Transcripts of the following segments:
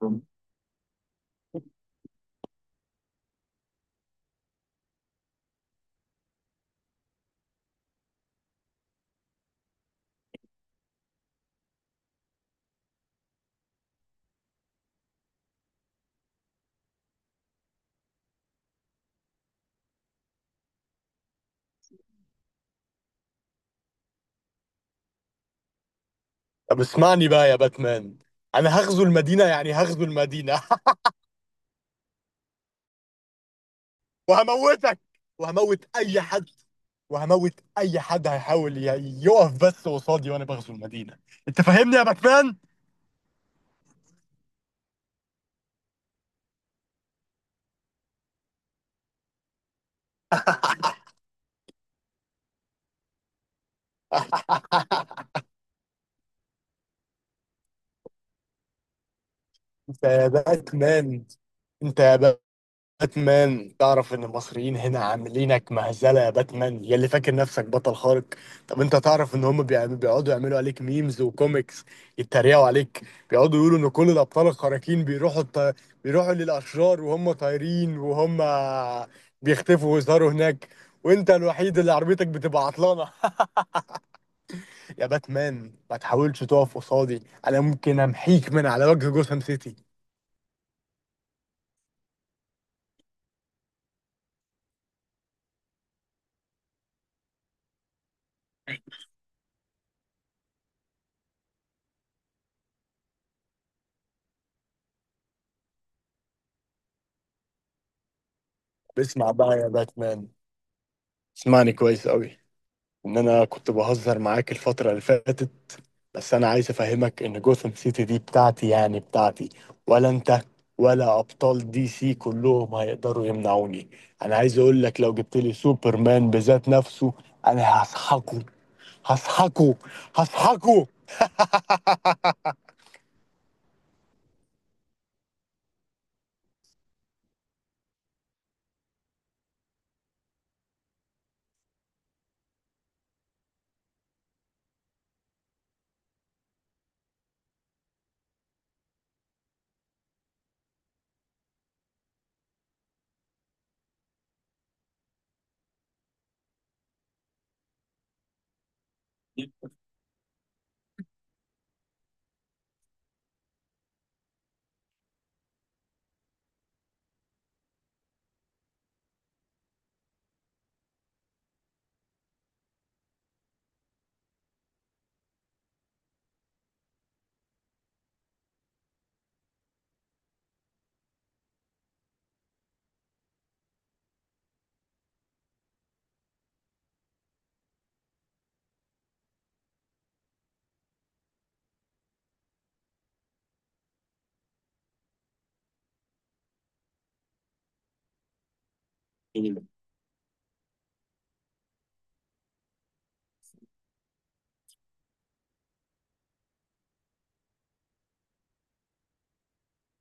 طب، اسمعني بقى يا باتمان. انا هغزو المدينه، يعني هغزو المدينه. وهموتك، وهموت اي حد، وهموت اي حد هيحاول يقف بس قصادي وانا بغزو المدينه. انت فاهمني يا باتمان؟ انت يا باتمان، انت يا باتمان، تعرف ان المصريين هنا عاملينك مهزله يا باتمان، يا اللي فاكر نفسك بطل خارق. طب انت تعرف ان هم بيقعدوا يعملوا عليك ميمز وكوميكس، يتريقوا عليك؟ بيقعدوا يقولوا ان كل الابطال الخارقين بيروحوا للاشرار وهم طايرين، وهم بيختفوا ويظهروا هناك. وانت الوحيد اللي عربيتك بتبقى عطلانه. يا باتمان، ما تحاولش تقف قصادي، انا ممكن امحيك من على وجه جوثام سيتي. اسمع بقى يا باتمان، اسمعني كويس قوي، ان انا كنت بهزر معاك الفترة اللي فاتت. بس انا عايز افهمك ان جوثام سيتي دي بتاعتي، يعني بتاعتي. ولا انت ولا ابطال دي سي كلهم هيقدروا يمنعوني. انا عايز اقول لك، لو جبت لي سوبرمان بذات نفسه، انا هسحقه، هسحقه، هسحقه.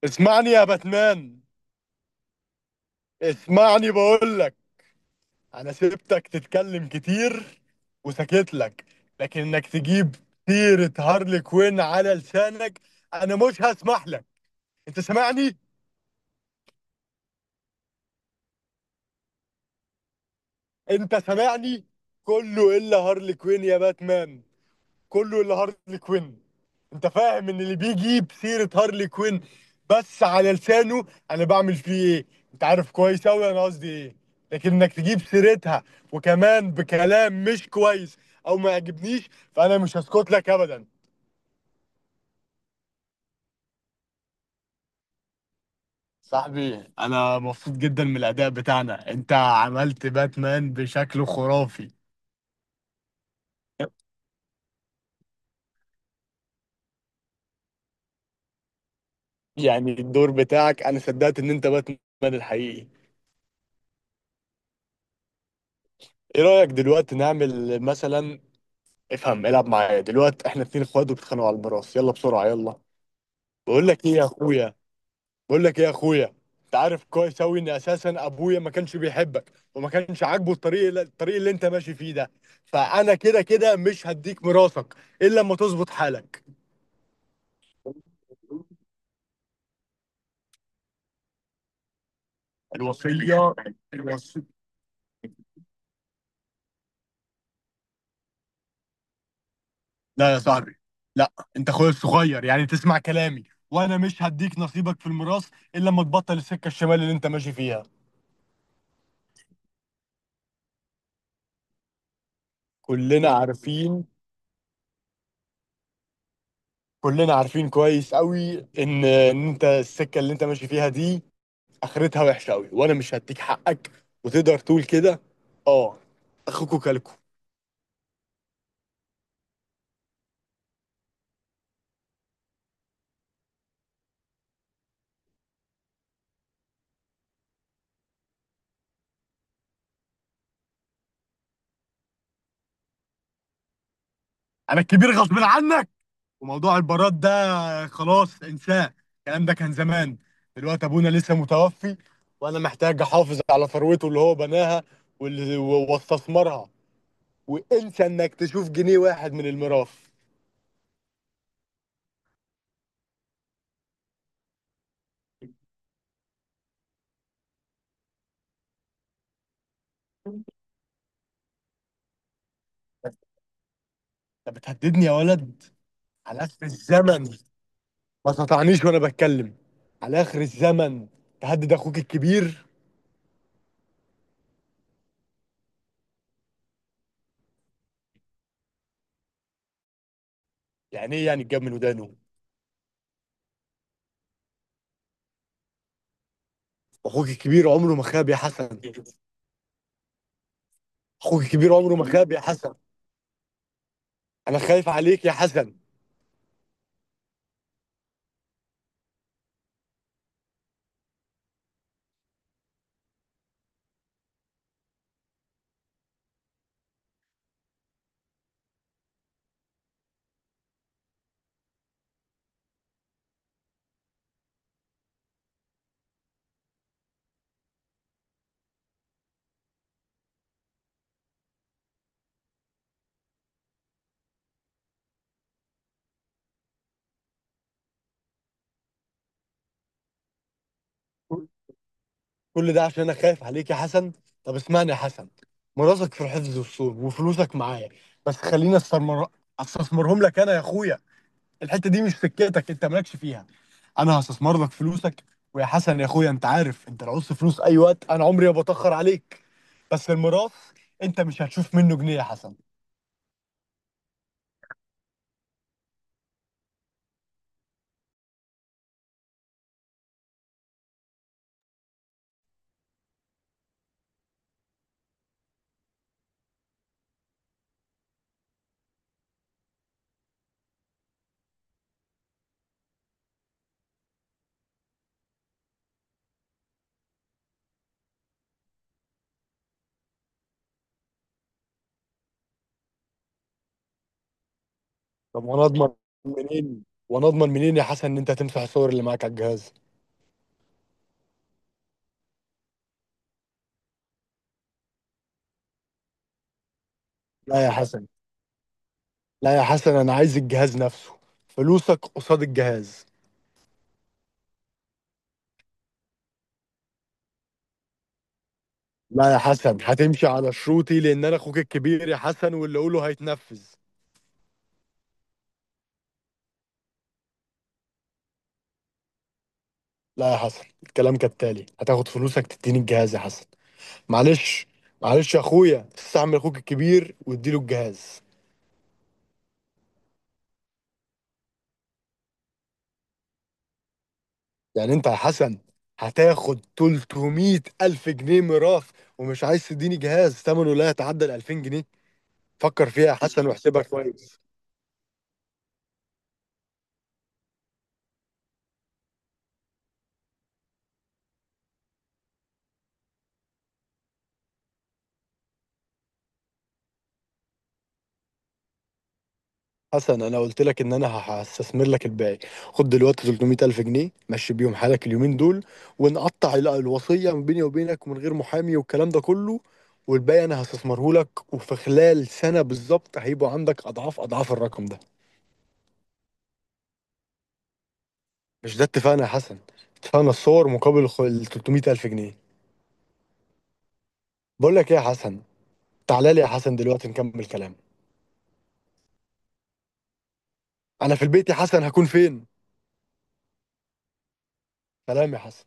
اسمعني يا باتمان، اسمعني بقول لك. انا سيبتك تتكلم كتير وسكت لك، لكن انك تجيب سيرة هارلي كوين على لسانك، انا مش هسمح لك. انت سامعني؟ انت سامعني؟ كله الا هارلي كوين يا باتمان، كله الا هارلي كوين. انت فاهم ان اللي بيجيب سيرة هارلي كوين بس على لسانه، انا بعمل فيه ايه؟ انت عارف كويس اوي انا قصدي ايه. لكن انك تجيب سيرتها، وكمان بكلام مش كويس او ما يعجبنيش، فانا مش هسكت لك ابدا. صاحبي، انا مبسوط جدا من الاداء بتاعنا، انت عملت باتمان بشكل خرافي. يعني الدور بتاعك انا صدقت ان انت باتمان الحقيقي. ايه رايك دلوقتي نعمل مثلا؟ افهم، العب معايا دلوقتي، احنا اتنين اخوات وبيتخانقوا على البراس، يلا بسرعه يلا. بقول لك ايه يا اخويا؟ بقول لك ايه يا اخويا؟ انت عارف كويس اوي ان اساسا ابويا ما كانش بيحبك، وما كانش عاجبه الطريق اللي انت ماشي فيه ده. فانا كده كده مش هديك ميراثك الا لما تظبط حالك. الوصية، الوصية. لا يا صاحبي، لا انت اخويا الصغير يعني تسمع كلامي. وانا مش هديك نصيبك في الميراث الا لما تبطل السكة الشمال اللي انت ماشي فيها. كلنا عارفين. كلنا عارفين كويس قوي ان انت السكة اللي انت ماشي فيها دي اخرتها وحشة قوي، وانا مش هديك حقك. وتقدر تقول كده، اه، اخوكوا كلكوا. انا الكبير غصب عنك، وموضوع البارات ده خلاص انساه. الكلام ده كان زمان، دلوقتي ابونا لسه متوفي، وانا محتاج احافظ على ثروته اللي هو بناها واللي واستثمرها. وانسى انك تشوف جنيه واحد من الميراث. انت بتهددني يا ولد؟ على اخر الزمن، ما تقطعنيش وانا بتكلم، على اخر الزمن تهدد اخوك الكبير؟ يعني ايه، يعني تجاب من ودانه؟ اخوك الكبير عمره ما خاب يا حسن، اخوك الكبير عمره ما خاب يا حسن. انا خايف عليك يا حسن، كل ده عشان انا خايف عليك يا حسن. طب اسمعني يا حسن، مراتك في الحفظ والصون، وفلوسك معايا، بس خليني استثمر، استثمرهم لك انا يا اخويا. الحته دي مش سكتك، انت مالكش فيها. انا هستثمر لك فلوسك. ويا حسن يا اخويا، انت عارف انت لو عوزت فلوس اي وقت انا عمري ما بتاخر عليك. بس الميراث، انت مش هتشوف منه جنيه يا حسن. طب وانا اضمن منين، وانا اضمن منين يا حسن، ان انت هتمسح الصور اللي معاك على الجهاز؟ لا يا حسن، لا يا حسن، انا عايز الجهاز نفسه. فلوسك قصاد الجهاز. لا يا حسن، هتمشي على شروطي لان انا اخوك الكبير يا حسن واللي اقوله هيتنفذ. لا يا حسن، الكلام كالتالي، هتاخد فلوسك تديني الجهاز يا حسن. معلش، معلش يا اخويا، استعمل اخوك الكبير واديله الجهاز. يعني انت يا حسن هتاخد 300 الف جنيه ميراث، ومش عايز تديني جهاز ثمنه لا يتعدى ال 2000 جنيه؟ فكر فيها يا حسن واحسبها كويس. حسن، انا قلت لك ان انا هستثمر لك الباقي. خد دلوقتي 300 الف جنيه، مشي بيهم حالك اليومين دول، ونقطع الوصيه من بيني وبينك ومن غير محامي والكلام ده كله. والباقي انا هستثمره لك، وفي خلال سنه بالظبط هيبقوا عندك اضعاف اضعاف الرقم ده. مش ده اتفقنا يا حسن؟ اتفقنا الصور مقابل ال 300 الف جنيه. بقول لك ايه يا حسن؟ تعالى لي يا حسن دلوقتي نكمل كلام. انا في البيت يا حسن، هكون فين؟ سلام يا حسن.